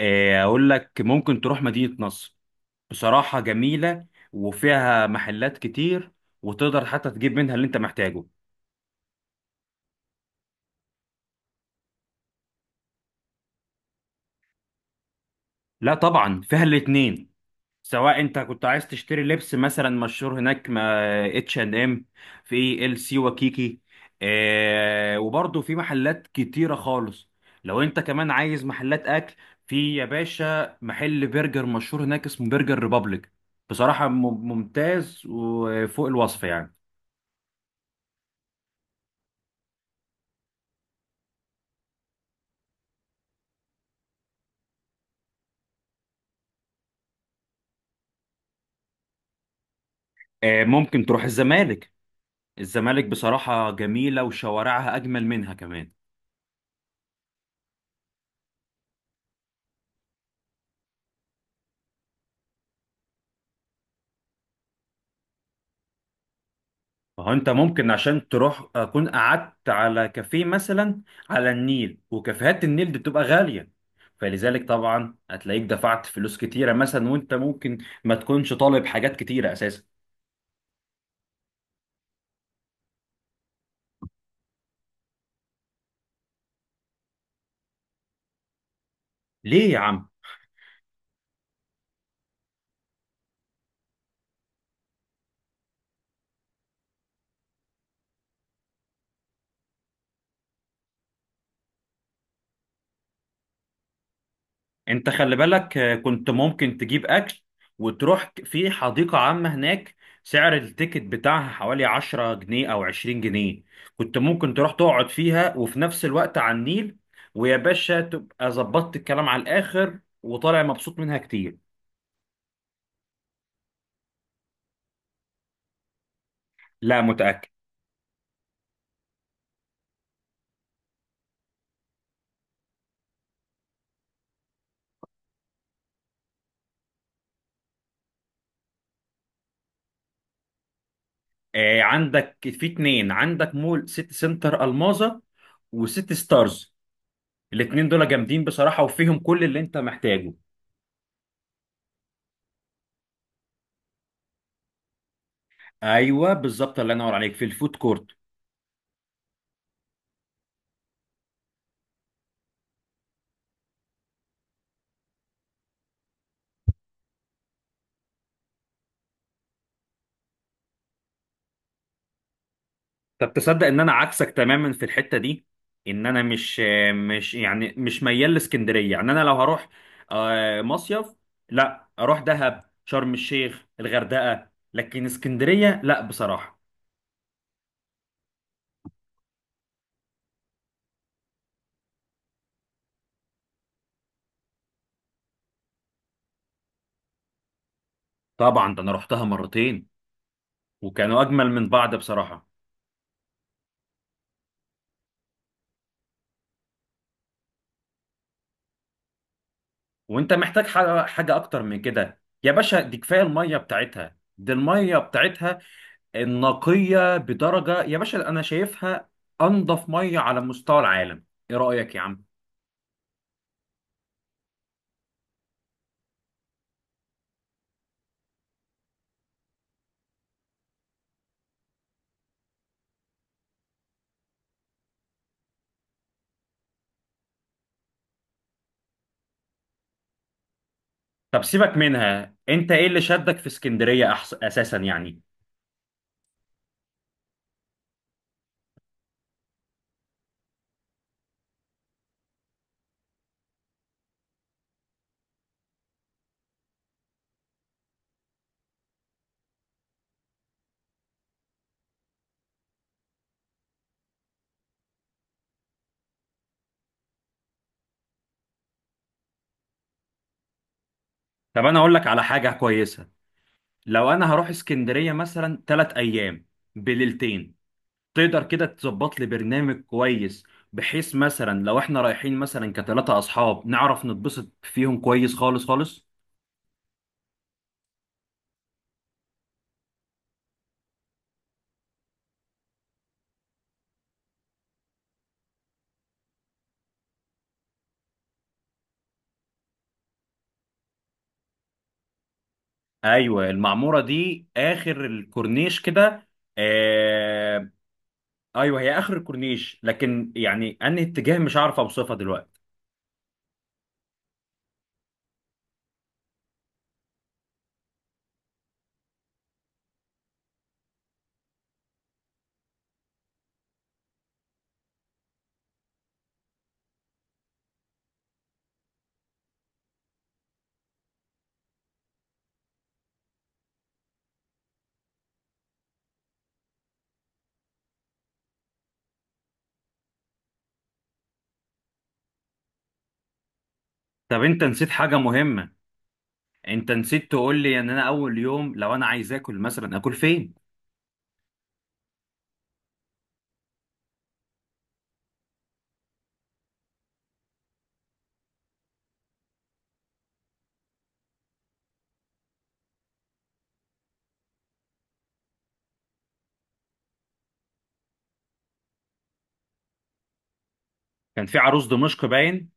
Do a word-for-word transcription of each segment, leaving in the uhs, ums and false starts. آه، اقول لك ممكن تروح مدينة نصر. بصراحة جميلة وفيها محلات كتير، وتقدر حتى تجيب منها اللي انت محتاجه. لا طبعا فيها الاتنين. سواء انت كنت عايز تشتري لبس مثلا مشهور هناك ما اتش اند ام، في ال سي وكيكي. آه وبرضه في محلات كتيرة خالص. لو انت كمان عايز محلات اكل، في يا باشا محل برجر مشهور هناك اسمه برجر ريبابليك. بصراحة مم- ممتاز وفوق الوصف يعني. آه، ممكن تروح الزمالك. الزمالك بصراحة جميلة وشوارعها أجمل منها كمان. فهو أنت ممكن عشان تروح أكون قعدت على كافيه مثلا على النيل، وكافيهات النيل دي بتبقى غالية، فلذلك طبعا هتلاقيك دفعت فلوس كتيرة، مثلا وأنت ممكن ما تكونش طالب حاجات كتيرة أساسا. ليه يا عم؟ انت خلي بالك، آه، كنت ممكن تجيب اكل وتروح ك- في حديقة عامة هناك. سعر التيكت بتاعها حوالي عشرة جنيه او عشرين جنيه. كنت ممكن تروح تقعد فيها وفي نفس الوقت على النيل، ويا باشا تبقى ظبطت الكلام على الاخر وطالع مبسوط منها كتير. لا، متأكد. آه عندك في اتنين، عندك مول سيتي سنتر الماظة وسيتي ستارز. الاتنين دول جامدين بصراحة وفيهم كل اللي انت محتاجه. ايوه بالظبط، الله ينور عليك، في الفود كورت. طب تصدق ان انا عكسك تماما في الحته دي؟ ان انا مش، مش يعني مش ميال لاسكندريه. يعني انا لو هروح، آه، مصيف، لا اروح دهب، شرم الشيخ، الغردقه، لكن اسكندريه لا بصراحه. طبعا، ده انا رحتها مرتين وكانوا اجمل من بعض بصراحه. وانت محتاج ح- حاجه اكتر من كده يا باشا؟ دي كفايه الميه بتاعتها. دي الميه بتاعتها النقيه بدرجه يا باشا، انا شايفها انضف ميه على مستوى العالم. ايه رايك يا عم؟ طب سيبك منها، انت ايه اللي شدك في اسكندرية أحس اساسا يعني؟ طب انا اقول لك على حاجة كويسة. لو انا هروح اسكندرية مثلا تلات ايام بليلتين، تقدر كده تظبط لي برنامج كويس؟ بحيث مثلا لو احنا رايحين مثلا كثلاثة اصحاب، نعرف نتبسط فيهم كويس خالص خالص. ايوه، المعمورة دي اخر الكورنيش كده. آه... ايوه هي اخر الكورنيش، لكن يعني انهي اتجاه مش عارف اوصفها دلوقتي. طب انت نسيت حاجة مهمة. انت نسيت تقول لي ان انا اول يوم لو انا عايز اكل، مثلا اكل فين؟ كان في عروس دمشق باين.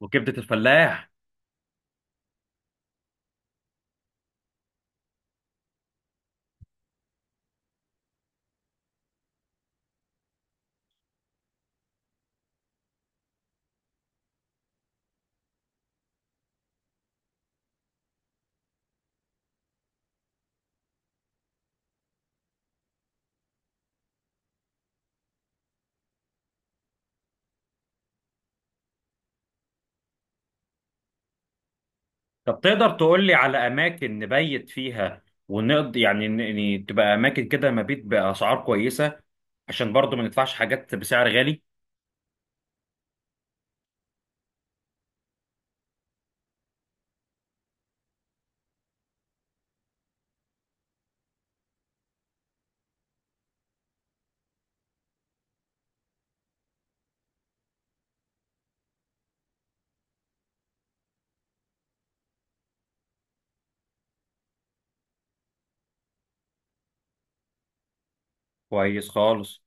وكبدة الفلاح. طب تقدر تقول لي على اماكن نبيت فيها ونقضي، يعني ن- ن- تبقى اماكن كده مبيت باسعار كويسة، عشان برضو ما ندفعش حاجات بسعر غالي؟ كويس خالص.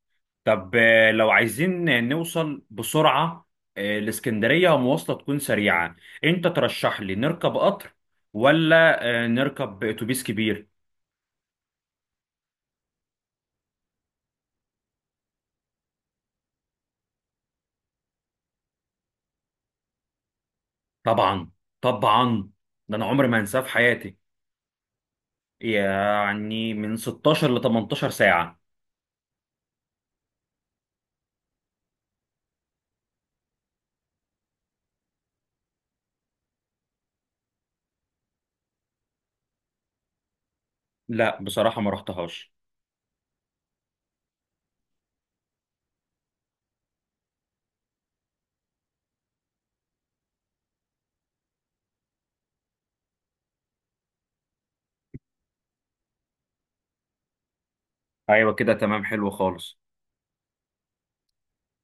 طب آه، لو عايزين نوصل بسرعة، آه، الاسكندرية مواصلة تكون سريعة، انت ترشح لي نركب قطر ولا آه، نركب اتوبيس كبير؟ طبعا، طبعا، ده انا عمري ما هنساه في حياتي. يعني من ستاشر ل تمنتاشر ساعة. لا بصراحة ما رحتهاش. ايوه كده تمام، حلو خالص.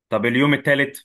طب اليوم الثالث؟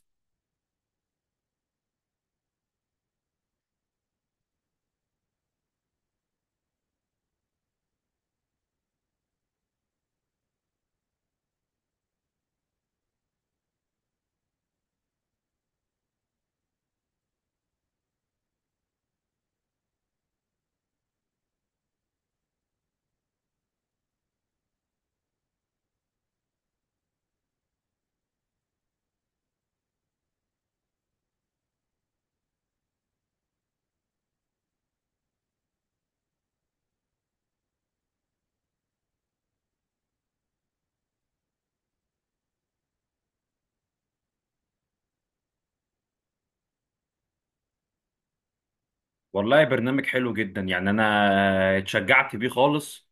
والله برنامج حلو جدا، يعني انا اتشجعت بيه خالص،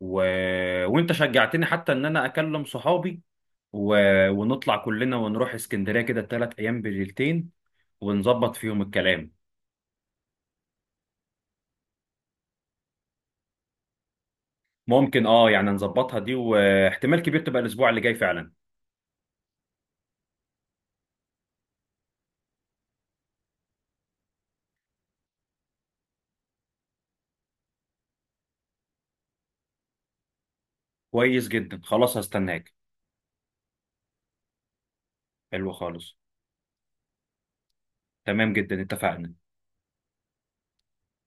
و... وانت شجعتني حتى ان انا اكلم صحابي، و... ونطلع كلنا ونروح اسكندرية كده تلات ايام بليلتين ونظبط فيهم الكلام. ممكن اه يعني نظبطها دي، واحتمال كبير تبقى الاسبوع اللي جاي فعلا. كويس جدا، خلاص هستناك. حلو خالص، تمام جدا، اتفقنا.